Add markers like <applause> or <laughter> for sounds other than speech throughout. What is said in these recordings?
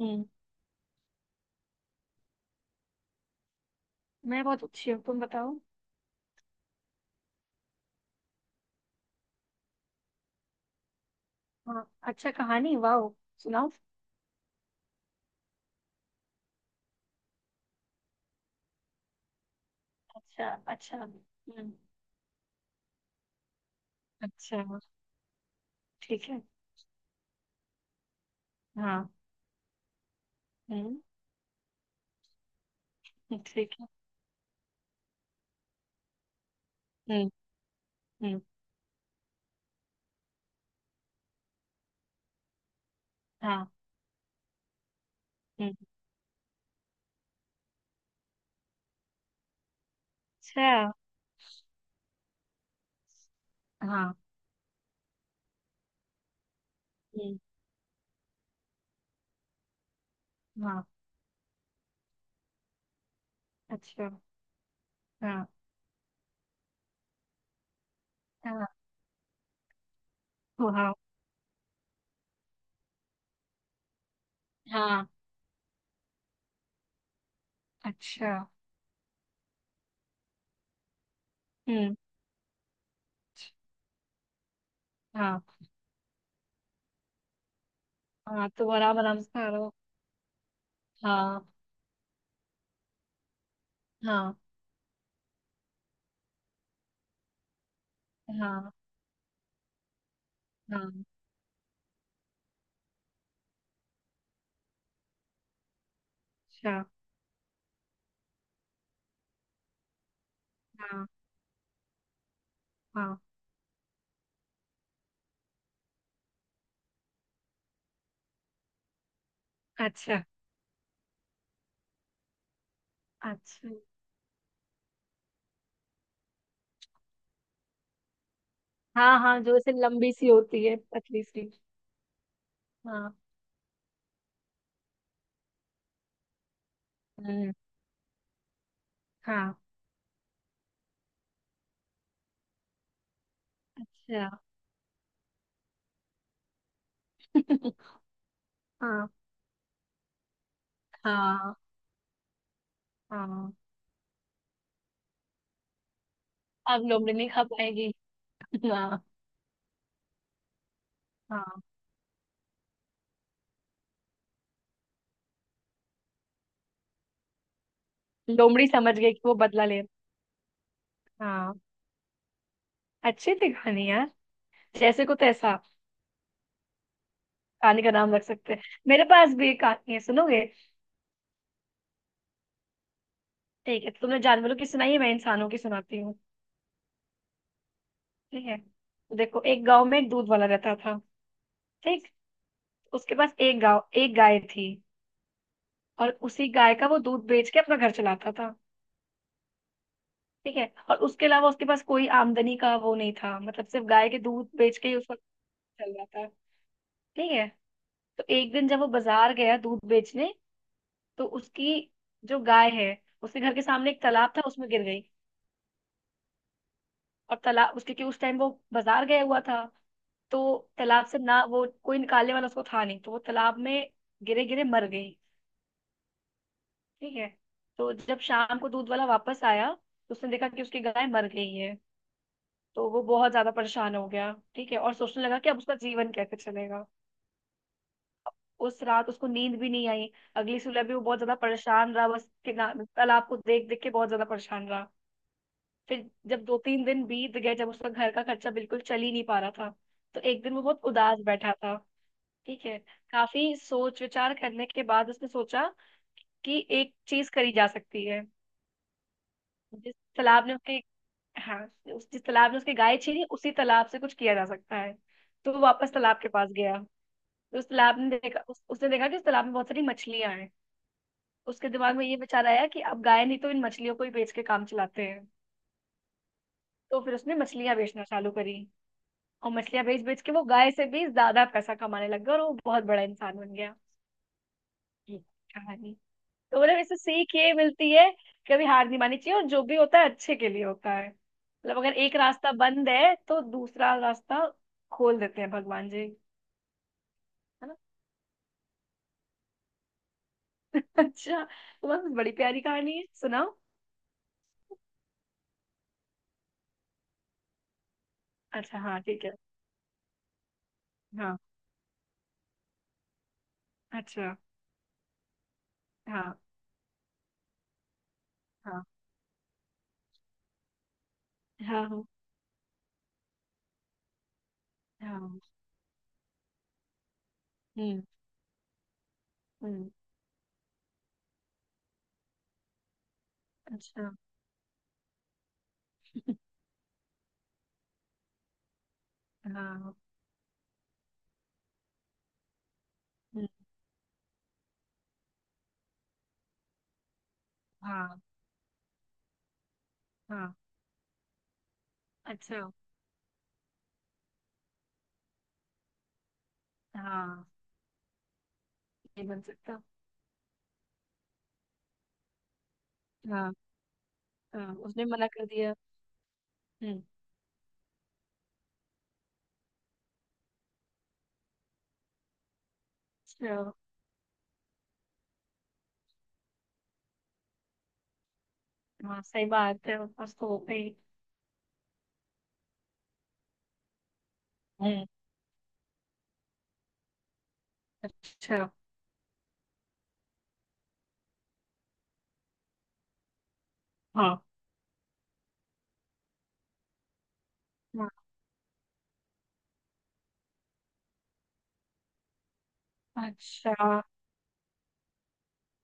हम्म। मैं बहुत अच्छी हूँ, तुम बताओ। हाँ, अच्छा कहानी, वाओ। सुनाओ। अच्छा, अच्छा। हम्म। अच्छा। ठीक है। हाँ। हम्म। ठीक है। हम्म। हम्म। हाँ। हम्म। अच्छा। हाँ। हम्म, हाँ। अच्छा। हाँ, हाँ। वाह। हाँ। अच्छा। हम्म। हाँ। हाँ, तो आराम आराम से करो। हाँ। हाँ। हाँ। हाँ। अच्छा। हाँ। हाँ। अच्छा। अच्छा। हाँ, हाँ जो ऐसे लंबी सी होती है, पतली सी। हाँ। हम्म, हाँ। अच्छा। <laughs> हाँ, हाँ, हाँ। अब लोमड़ी नहीं खा पाएगी। <laughs> हाँ। हाँ। लोमड़ी समझ गई कि वो बदला ले। हाँ। अच्छी थी कहानी यार। जैसे को तैसा। कहानी का नाम रख सकते हैं। मेरे पास भी एक कहानी है, सुनोगे? ठीक है, तो तुमने जानवरों की सुनाई है, मैं इंसानों की सुनाती हूँ। ठीक है, तो देखो, एक गांव में एक दूध वाला रहता था। ठीक। उसके पास एक गांव एक गाय थी। और उसी गाय का वो दूध बेच के अपना घर चलाता था। ठीक है। और उसके अलावा उसके पास कोई आमदनी का वो नहीं था, मतलब सिर्फ गाय के दूध बेच के ही उसका चल रहा था। ठीक है। तो एक दिन जब वो बाजार गया दूध बेचने, तो उसकी जो गाय है, उसके घर के सामने एक तालाब था, उसमें गिर गई। और तालाब उसके, क्योंकि उस टाइम वो बाजार गया हुआ था, तो तालाब से ना वो कोई निकालने वाला उसको था नहीं, तो वो तालाब में गिरे गिरे मर गई। ठीक है। तो जब शाम को दूध वाला वापस आया, तो उसने देखा कि उसकी गाय मर गई है। तो वो बहुत ज्यादा परेशान हो गया, ठीक है, और सोचने लगा कि अब उसका जीवन कैसे चलेगा। उस रात उसको नींद भी नहीं आई। अगली सुबह भी वो बहुत ज्यादा परेशान रहा, बस तालाब को देख देख के बहुत ज्यादा परेशान रहा। फिर जब दो तीन दिन बीत गए, जब उसका घर का खर्चा बिल्कुल चल ही नहीं पा रहा था, तो एक दिन वो बहुत उदास बैठा था। ठीक है। काफी सोच विचार करने के बाद उसने सोचा कि एक चीज करी जा सकती है। जिस तालाब ने उसके, हाँ, उस जिस तालाब ने उसकी गाय छीनी, उसी तालाब से कुछ किया जा सकता है। तो वो वापस तालाब के पास गया। तो उस तालाब ने देखा उस, उसने देखा कि उस तालाब में बहुत सारी मछलियां हैं। उसके दिमाग में ये विचार आया कि अब गाय नहीं तो इन मछलियों को ही बेच के काम चलाते हैं। तो फिर उसने मछलियां बेचना चालू करी। और मछलियां बेच बेच के वो गाय से भी ज्यादा पैसा कमाने लग गया, और वो बहुत बड़ा इंसान बन गया। ये कहानी। तो मतलब इससे सीख ये मिलती है, कभी हार नहीं माननी चाहिए और जो भी होता है अच्छे के लिए होता है। मतलब अगर एक रास्ता बंद है तो दूसरा रास्ता खोल देते हैं भगवान जी, है ना? <laughs> अच्छा, तो बस, बड़ी प्यारी कहानी है, सुनाओ। अच्छा, हाँ, ठीक है। हाँ। अच्छा। हाँ। हाँ, हाँ, हाँ, हाँ। हम्म। हम्म। अच्छा। <laughs> हाँ। हम्म, हाँ। हाँ। अच्छा। हाँ। ये बन सकता। हाँ। हाँ उसने मना कर दिया। हम्म। अच्छा। हाँ, सही बात है उसको हो गई। हम्म, अच्छा। हाँ, हाँ, अच्छा।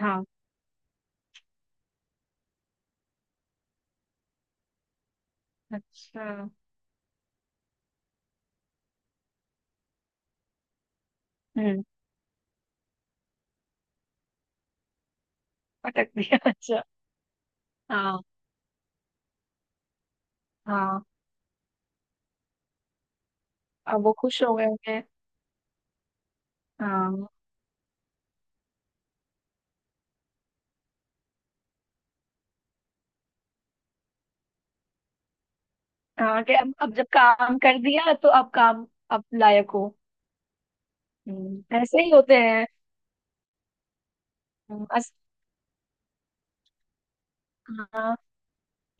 हाँ। अच्छा। हम्म। पटक दिया, अच्छा। हाँ। हाँ। अब वो खुश हो गए होंगे। हाँ। हाँ कि अब जब काम कर दिया तो अब काम। अब लायक हो। ऐसे ही होते हैं। हम्म, अस, हाँ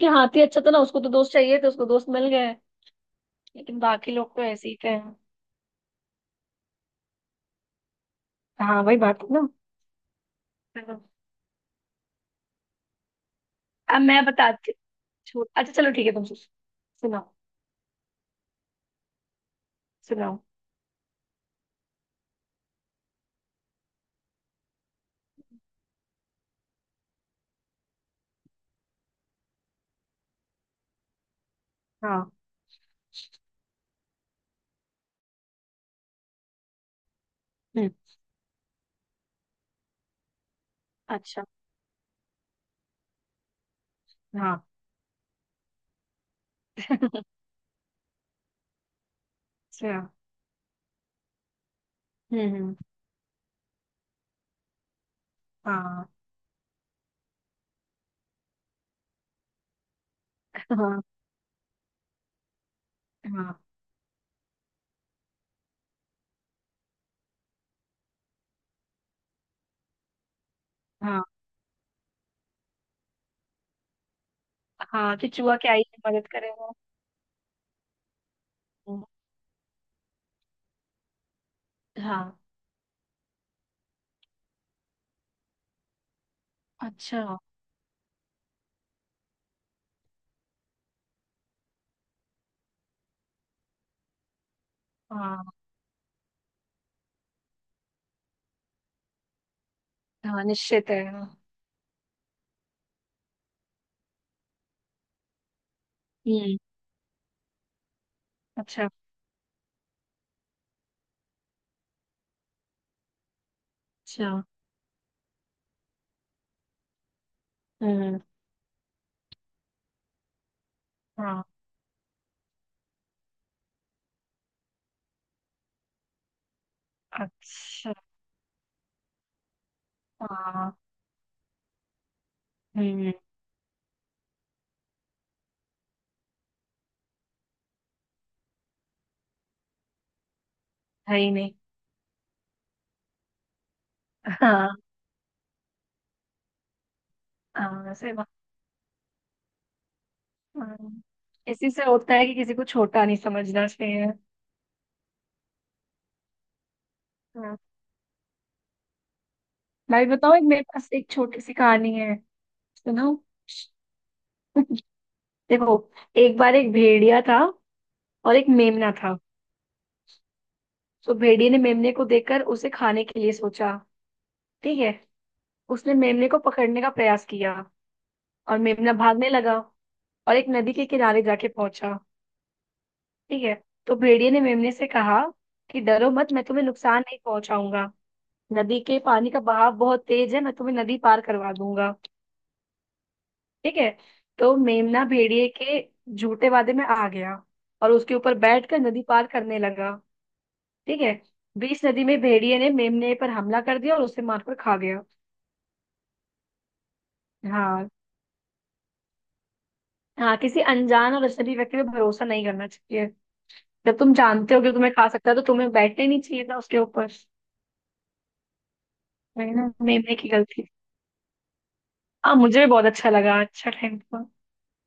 कि हाथी अच्छा था ना, उसको तो दोस्त चाहिए थे, उसको दोस्त मिल गए। लेकिन बाकी लोग तो ऐसे ही थे। हाँ, वही बात है ना। चलो अब मैं बताती हूँ। अच्छा चलो ठीक है, तुम सुनाओ। सुनाओ। हाँ। हम्म। अच्छा। हाँ। अच्छा। हम्म। हाँ, हाँ। हाँ। हाँ। हाँ कि चूहा क्या ही मदद करेगा। हम्म, हाँ। अच्छा। हाँ। हाँ निश्चित है, हाँ। हम्म। अच्छा। अच्छा। हम्म। हाँ। अच्छा। हाँ। हम्म। है ही नहीं। हाँ। हाँ वैसे बा- हाँ, इसी से होता है कि किसी को छोटा नहीं समझना चाहिए। हाँ, मैं भी बताऊँ, एक मेरे पास एक छोटी सी कहानी है। सुनो। देखो, एक बार एक भेड़िया था, और एक मेमना था। तो भेड़िए ने मेमने को देखकर उसे खाने के लिए सोचा। ठीक है। उसने मेमने को पकड़ने का प्रयास किया, और मेमना भागने लगा, और एक नदी के किनारे जाके पहुंचा। ठीक है। तो भेड़िए ने मेमने से कहा कि डरो मत, मैं तुम्हें नुकसान नहीं पहुंचाऊंगा। नदी के पानी का बहाव बहुत तेज है, मैं तुम्हें नदी पार करवा दूंगा। ठीक है। तो मेमना भेड़िए के झूठे वादे में आ गया, और उसके ऊपर बैठकर नदी पार करने लगा। ठीक है। बीच नदी में भेड़िए ने मेमने पर हमला कर दिया, और उसे मारकर खा गया। हाँ, हाँ किसी अनजान और अजनबी व्यक्ति पे भरोसा नहीं करना चाहिए। जब तुम जानते हो कि तुम्हें खा सकता है, तो तुम्हें बैठना ही नहीं चाहिए था उसके ऊपर। वही ना, मेमने की गलती। हाँ मुझे भी बहुत अच्छा लगा, अच्छा थैंक